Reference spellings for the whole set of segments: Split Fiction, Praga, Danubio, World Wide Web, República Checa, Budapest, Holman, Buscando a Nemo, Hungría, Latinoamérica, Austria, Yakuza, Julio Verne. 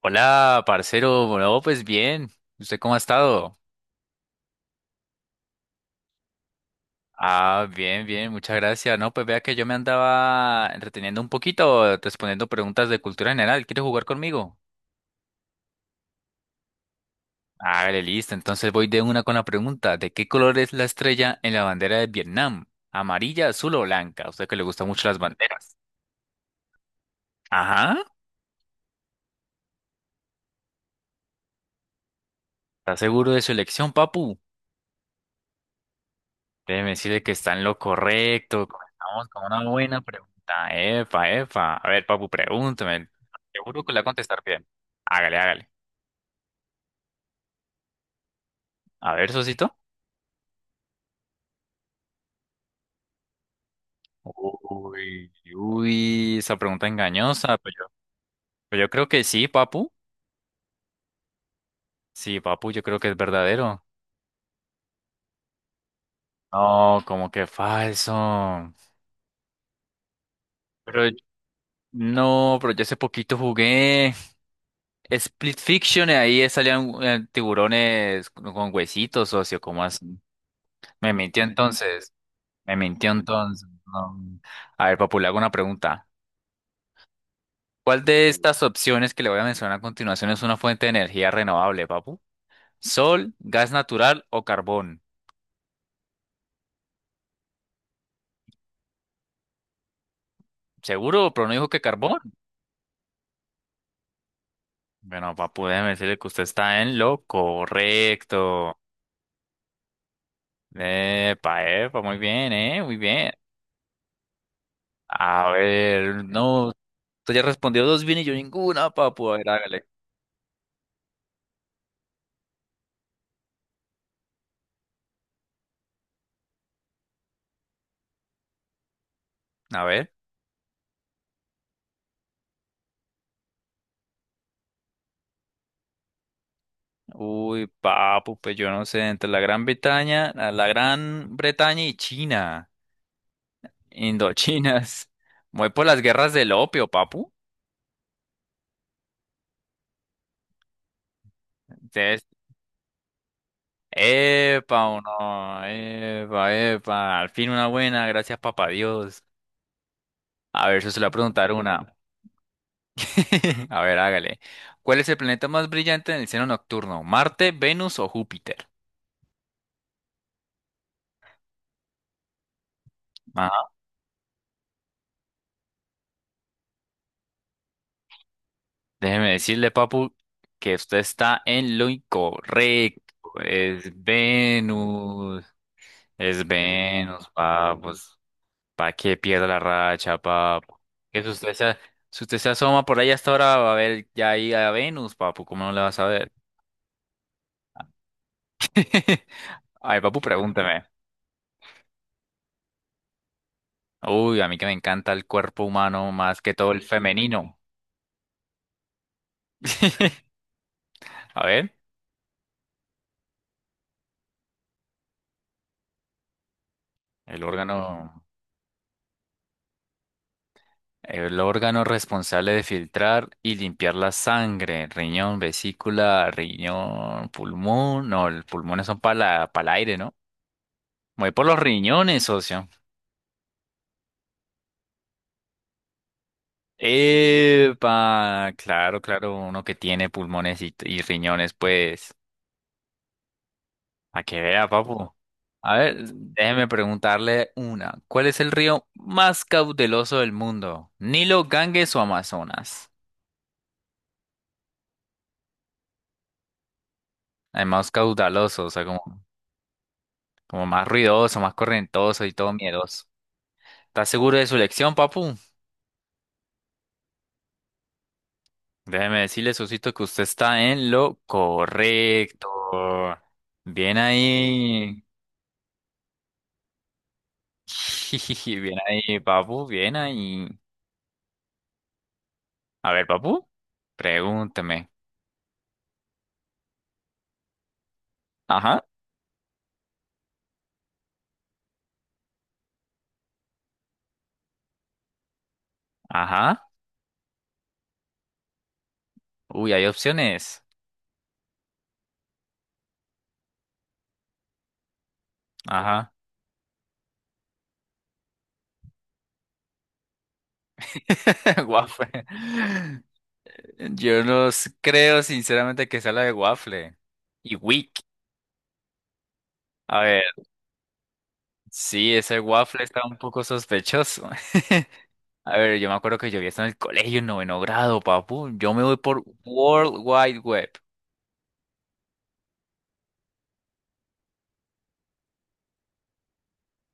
Hola, parcero. Bueno, pues bien. ¿Usted cómo ha estado? Ah, bien, bien, muchas gracias. No, pues vea que yo me andaba entreteniendo un poquito, respondiendo preguntas de cultura general. ¿Quieres jugar conmigo? Hágale, listo. Entonces voy de una con la pregunta. ¿De qué color es la estrella en la bandera de Vietnam? ¿Amarilla, azul o blanca? A usted que le gustan mucho las banderas. Ajá. ¿Está seguro de su elección, papu? Déjeme decirle que está en lo correcto. Comenzamos con una buena pregunta. Epa, epa. A ver, papu, pregúntame. Seguro que la va a contestar bien. Hágale, hágale. A ver, Sosito. Uy, uy, esa pregunta engañosa. Pues yo creo que sí, papu. Sí, papu, yo creo que es verdadero. No, como que falso. Pero yo- no, pero yo hace poquito jugué Split Fiction y ahí salían tiburones con huesitos, socio. ¿Cómo así? Me mintió entonces. Me mintió entonces, no. A ver, Papu, le hago una pregunta. ¿Cuál de estas opciones que le voy a mencionar a continuación es una fuente de energía renovable, Papu? ¿Sol, gas natural o carbón? ¿Seguro? ¿Pero no dijo que carbón? Bueno, Papu, déjeme decirle que usted está en lo correcto. Epa, epa, muy bien, ¿eh? Muy bien. A ver, no, usted ya respondió dos bien y yo ninguna, Papu. A ver, hágale. A ver. Uy, papu, pues yo no sé, entre la Gran Bretaña, la Gran Bretaña y China, indochinas. Voy por las guerras del opio, papu. Entonces, epa, o no, epa, epa, al fin una buena, gracias papá Dios. A ver, yo se le voy a preguntar una. A ver, hágale. ¿Cuál es el planeta más brillante en el cielo nocturno? ¿Marte, Venus o Júpiter? Ajá. Déjeme decirle, papu, que usted está en lo incorrecto. Es Venus. Es Venus, papos. ¿Para que pierda la racha, papo? Que si usted se, Si usted se asoma por ahí hasta ahora, va a ver ya ahí a Venus, papu. ¿Cómo no le vas a ver? Ay, papu, pregúnteme. Uy, a mí que me encanta el cuerpo humano más que todo el femenino. A ver, el órgano, el órgano responsable de filtrar y limpiar la sangre, riñón, vesícula, riñón, pulmón. No, los pulmones son para el aire, ¿no? Voy por los riñones, socio. Epa, claro, claro, uno que tiene pulmones y riñones, pues, a que vea, papu. A ver, déjeme preguntarle una. ¿Cuál es el río más caudaloso del mundo? ¿Nilo, Ganges o Amazonas? El más caudaloso, o sea, como, como más ruidoso, más correntoso y todo miedoso. ¿Estás seguro de su elección, papu? Déjeme decirle, Susito, que usted está en lo correcto. Bien ahí. Bien ahí, papu, bien ahí. A ver, papu, pregúntame. Ajá, ajá. Uy, hay opciones. Ajá. Waffle. Yo no s- Creo sinceramente que sea la de waffle. Y wick. A ver, sí, ese waffle está un poco sospechoso. A ver, yo me acuerdo que yo vi esto en el colegio en noveno grado, papu. Yo me voy por World Wide Web.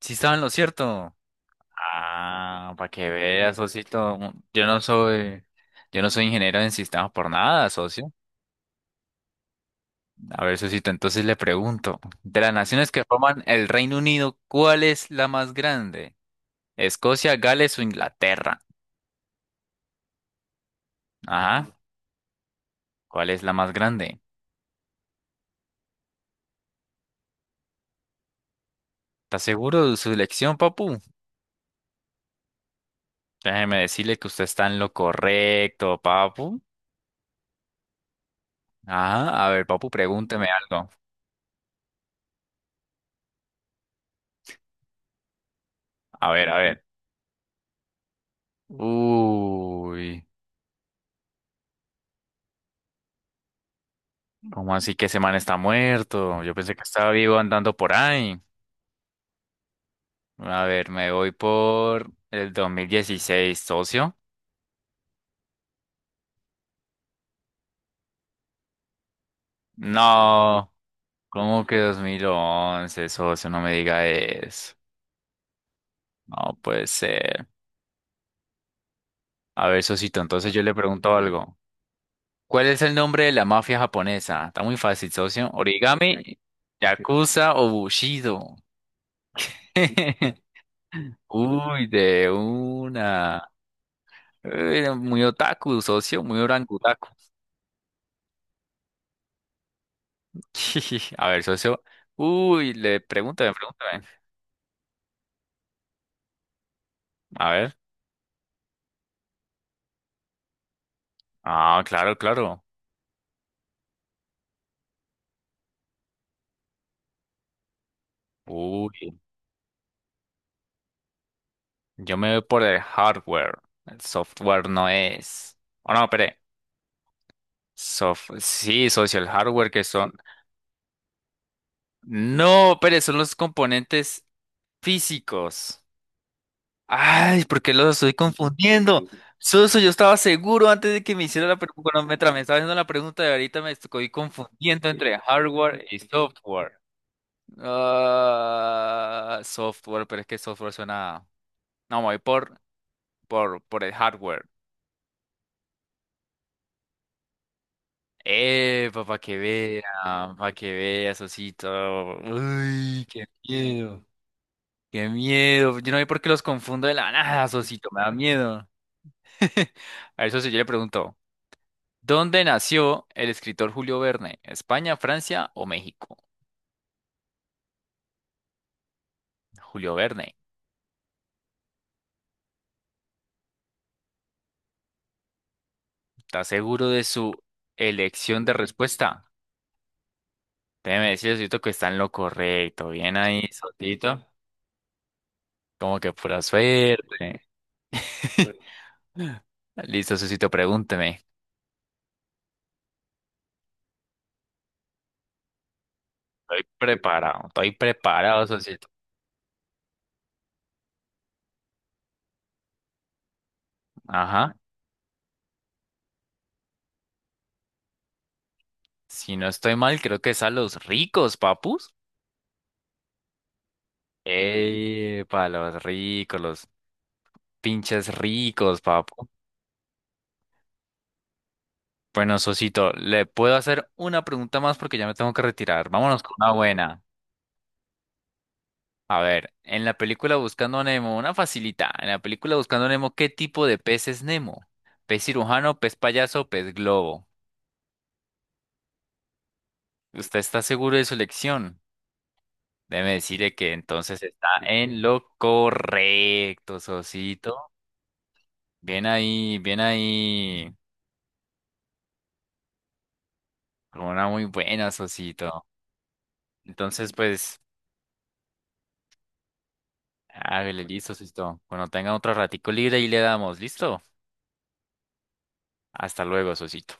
Sí estaba en lo cierto. Ah, para que veas, socito. Yo no soy, yo no soy ingeniero en sistemas por nada, socio. A ver, socito, entonces le pregunto, de las naciones que forman el Reino Unido, ¿cuál es la más grande? ¿Escocia, Gales o Inglaterra? Ajá, ¿cuál es la más grande? ¿Está seguro de su elección, papu? Déjeme decirle que usted está en lo correcto, papu. Ajá, a ver, papu, pregúnteme algo. A ver, a ver. Uy. ¿Cómo así que ese man está muerto? Yo pensé que estaba vivo andando por ahí. A ver, me voy por el 2016, socio. No, ¿cómo que 2011, socio? No me diga eso. No puede ser. A ver, socito, entonces yo le pregunto algo. ¿Cuál es el nombre de la mafia japonesa? Está muy fácil, socio. ¿Origami, Yakuza o Bushido? Uy, de una. Uy, muy otaku, socio, muy orangutaku. A ver, socio. Uy, pregúntame. A ver. Ah, claro, claro. Uy, yo me voy por el hardware. El software no es. Oh, no, espere. Sí, socio, el hardware que son. No, espere, son los componentes físicos. Ay, ¿por qué los estoy confundiendo? Socio, yo estaba seguro antes de que me hiciera la pregunta. Me estaba haciendo la pregunta de ahorita, me estoy confundiendo entre hardware y software. Ah, software, pero es que software suena. No, me voy por el hardware. Para que vea, Sosito. Uy, qué miedo, qué miedo. Yo no sé por qué los confundo de la nada, Sosito, me da miedo. A ver, socio, yo le pregunto: ¿Dónde nació el escritor Julio Verne? ¿España, Francia o México? Julio Verne, ¿estás seguro de su elección de respuesta? Déjeme decir, Sotito, que está en lo correcto. Bien ahí, Sotito. Como que pura suerte. Listo, Sosito, pregúnteme. Estoy preparado, Sosito. Ajá. Si no estoy mal, creo que es a los ricos, papus. Para los ricos, los pinches ricos, papu. Bueno, Sosito, le puedo hacer una pregunta más porque ya me tengo que retirar. Vámonos con una buena. A ver, en la película Buscando a Nemo, una facilita. En la película Buscando a Nemo, ¿qué tipo de pez es Nemo? ¿Pez cirujano, pez payaso, pez globo? ¿Usted está seguro de su elección? Déjeme decirle que entonces está en lo correcto, Sosito. Bien ahí, bien ahí. Con una muy buena, Sosito. Entonces, pues, hágale, listo, Sosito. Cuando tenga otro ratico libre, ahí le damos, ¿listo? Hasta luego, Sosito.